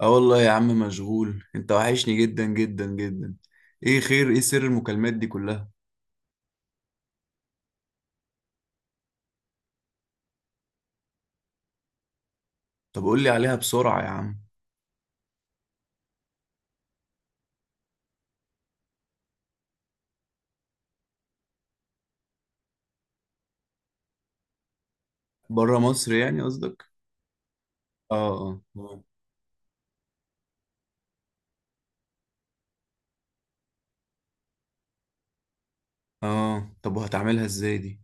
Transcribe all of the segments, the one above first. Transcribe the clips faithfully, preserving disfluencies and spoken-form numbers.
اه والله يا عم مشغول، انت وحشني جدا جدا جدا. ايه خير؟ ايه سر المكالمات دي كلها؟ طب قول لي عليها بسرعة يا عم. بره مصر يعني قصدك؟ اه اه، اه. طب وهتعملها ازاي دي؟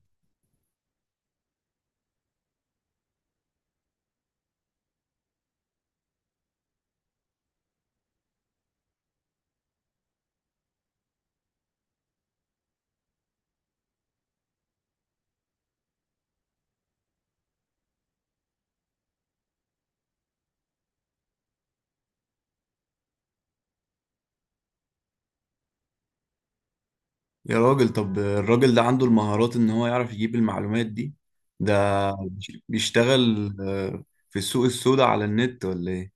يا راجل، طب الراجل ده عنده المهارات ان هو يعرف يجيب المعلومات دي؟ ده بيشتغل آه، في السوق السوداء على النت ولا ايه؟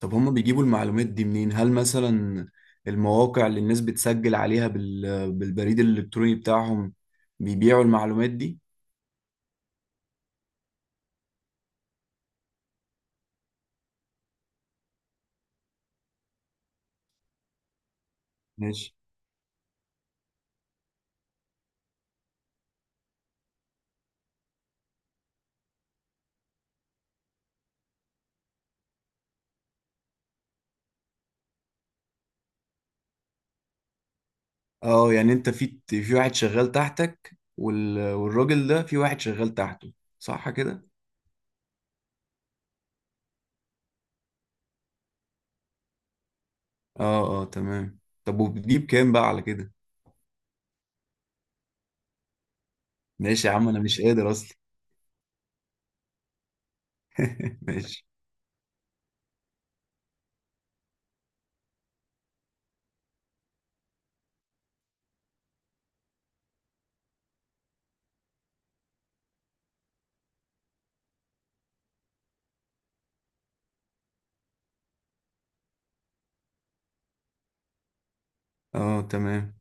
طب هما بيجيبوا المعلومات دي منين؟ هل مثلا المواقع اللي الناس بتسجل عليها بال... بالبريد الإلكتروني بتاعهم بيبيعوا المعلومات دي؟ ماشي. اه، يعني انت في في واحد شغال تحتك، وال... والراجل ده في واحد شغال تحته، صح كده؟ اه، اه، تمام. طب ودي بكام بقى على كده؟ ماشي يا عم، انا مش قادر اصلا. ماشي. اه، تمام.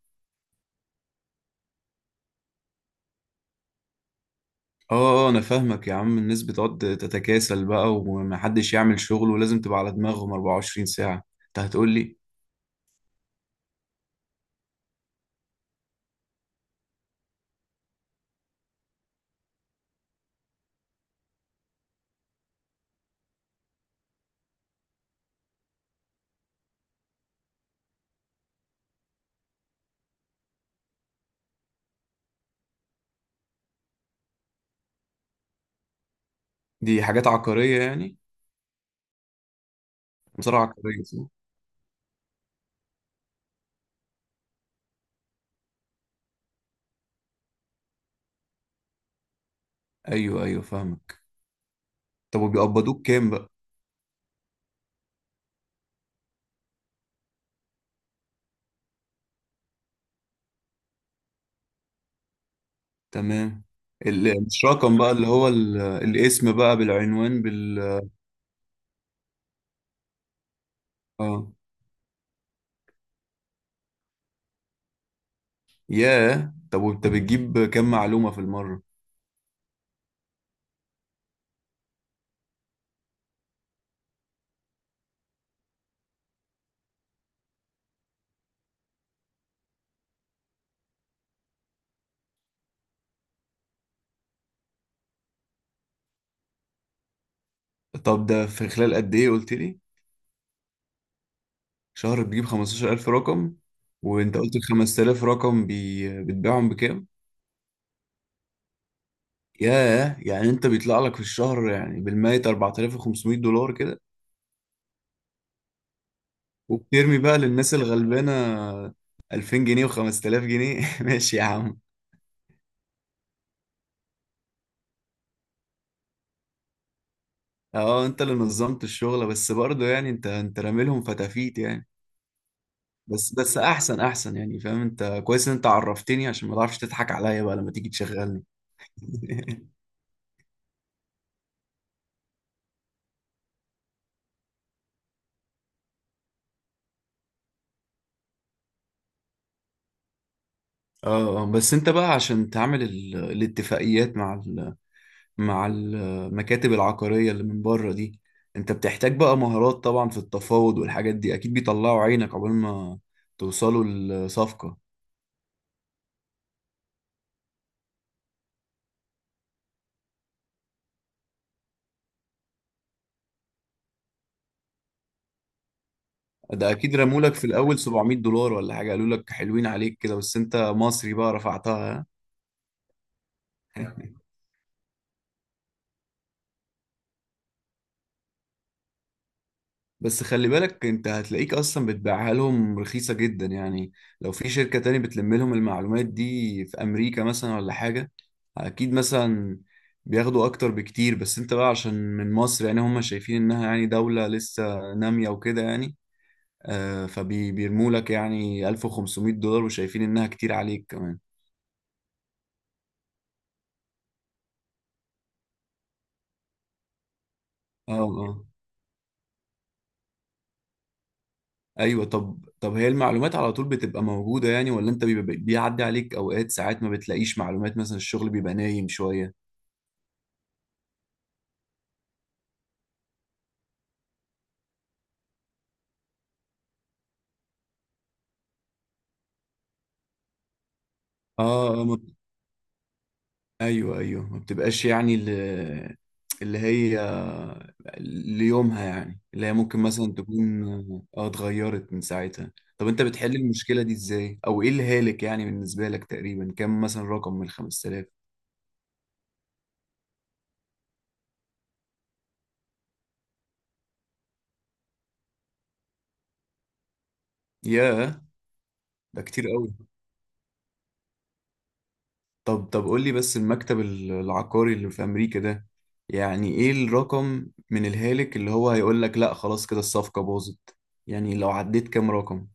اه، اه، انا فاهمك يا عم. الناس بتقعد تتكاسل بقى ومحدش يعمل شغل، ولازم تبقى على دماغهم 24 ساعة، انت هتقول لي؟ دي حاجات عقارية يعني؟ مصارعة عقارية، صح؟ أيوه، أيوه، فاهمك. طب وبيقبضوك كام بقى؟ تمام. ال- مش رقم بقى، اللي هو ال- الاسم بقى بالعنوان. بال اه، ياه. طب وانت بتجيب كام معلومة في المرة؟ طب ده في خلال قد إيه قلت لي؟ شهر بتجيب خمستاشر ألف رقم؟ وانت قلت ال خمسة آلاف رقم، بي... بتبيعهم بكام؟ ياه. يعني انت بيطلع لك في الشهر يعني بالمية أربعة آلاف وخمسمائة دولار كده؟ وبترمي بقى للناس الغلبانة ألفين جنيه و5000 جنيه. ماشي يا عم. اه، انت اللي نظمت الشغل بس برضه يعني انت انت راميلهم فتافيت يعني. بس بس، احسن احسن، يعني فاهم؟ انت كويس ان انت عرفتني عشان ما تعرفش تضحك عليا بقى لما تيجي تشغلني. اه، بس انت بقى عشان تعمل ال- الاتفاقيات مع ال مع المكاتب العقارية اللي من بره دي، انت بتحتاج بقى مهارات طبعا في التفاوض والحاجات دي، اكيد بيطلعوا عينك عقبال ما توصلوا لصفقة. ده اكيد رمولك في الاول سبعمائة دولار ولا حاجه، قالوا لك حلوين عليك كده، بس انت مصري بقى رفعتها. بس خلي بالك، انت هتلاقيك اصلا بتبيعها لهم رخيصه جدا يعني. لو في شركه تاني بتلم لهم المعلومات دي في امريكا مثلا ولا حاجه، اكيد مثلا بياخدوا اكتر بكتير. بس انت بقى عشان من مصر يعني هم شايفين انها يعني دوله لسه ناميه وكده يعني، آه فبيرموا لك يعني ألف وخمسمائة دولار وشايفين انها كتير عليك كمان. اه، اه، ايوه. طب طب هي المعلومات على طول بتبقى موجودة يعني ولا انت بيبقى بيعدي عليك اوقات ساعات ما بتلاقيش معلومات، مثلا الشغل بيبقى نايم شوية؟ اه، ما- ايوه، ايوه، ما بتبقاش يعني اللي, اللي هي ليومها، يعني اللي هي ممكن مثلا تكون. اه، اتغيرت من ساعتها. طب انت بتحل المشكلة دي ازاي، او ايه الهالك يعني بالنسبة لك؟ تقريبا كم مثلا رقم من خمس تلاف؟ ياه، ده كتير قوي. طب طب قول لي بس، المكتب ال- العقاري اللي في أمريكا ده، يعني إيه الرقم من الهالك اللي هو هيقول لك لأ خلاص، كده الصفقة باظت؟ يعني لو عديت كام رقم؟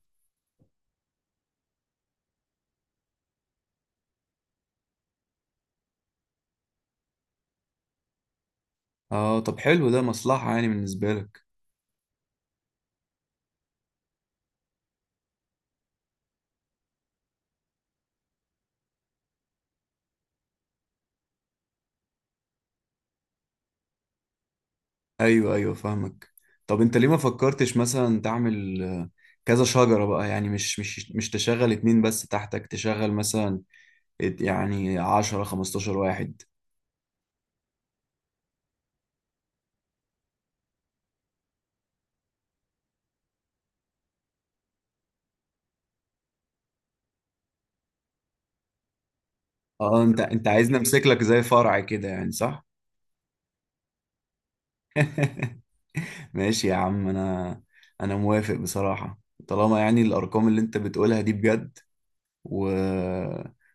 آه. طب حلو، ده مصلحة يعني بالنسبة لك؟ أيوه، أيوه، فاهمك. طب أنت ليه ما فكرتش مثلا تعمل آه، كذا شجرة بقى؟ يعني مش مش مش تشغل اتنين بس تحتك، تشغل مثلا ات- يعني عشرة خمستاشر واحد. اه، انت انت عايز نمسك لك زي فرع كده يعني، صح؟ ماشي يا عم، انا انا موافق بصراحة. طالما يعني الارقام اللي انت بتقولها دي بجد و...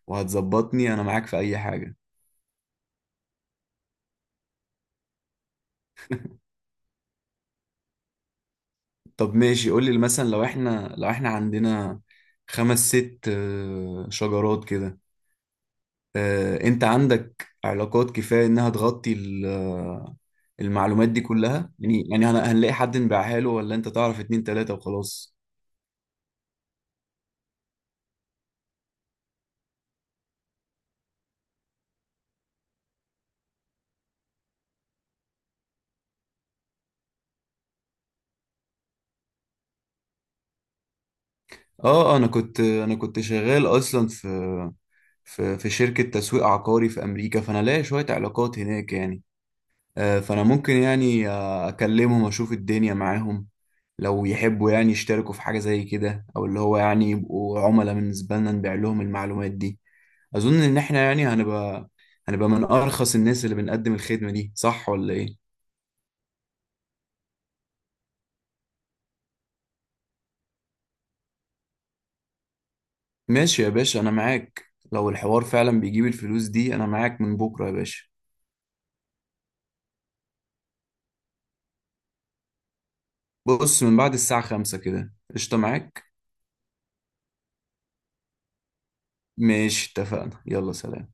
وهتظبطني انا معاك في اي حاجة. طب ماشي، قول لي مثلا لو احنا لو احنا عندنا خمس ست آه، شجرات كده، آه، انت عندك علاقات كفاية انها تغطي ال- آه، المعلومات دي كلها؟ يعني يعني هن- هنلاقي حد نبيعها له ولا انت تعرف اتنين تلاتة وخلاص؟ اه. آه، انا كنت انا كنت شغال اصلا في في في شركة تسويق عقاري في أمريكا، فأنا لاقي شوية علاقات هناك يعني. آه، فأنا ممكن يعني آه، أكلمهم أشوف الدنيا معاهم، لو يحبوا يعني يشتركوا في حاجة زي كده، أو اللي هو يعني يبقوا عملاء بالنسبة لنا نبيع لهم المعلومات دي. أظن إن إحنا يعني هنبقى هنبقى من أرخص الناس اللي بنقدم الخدمة دي، صح ولا إيه؟ ماشي يا باشا، أنا معاك. لو الحوار فعلا بيجيب الفلوس دي، أنا معاك من بكرة يا باشا. بص، من بعد الساعة خمسة كده، قشطة معاك؟ ماشي، اتفقنا. يلا سلام.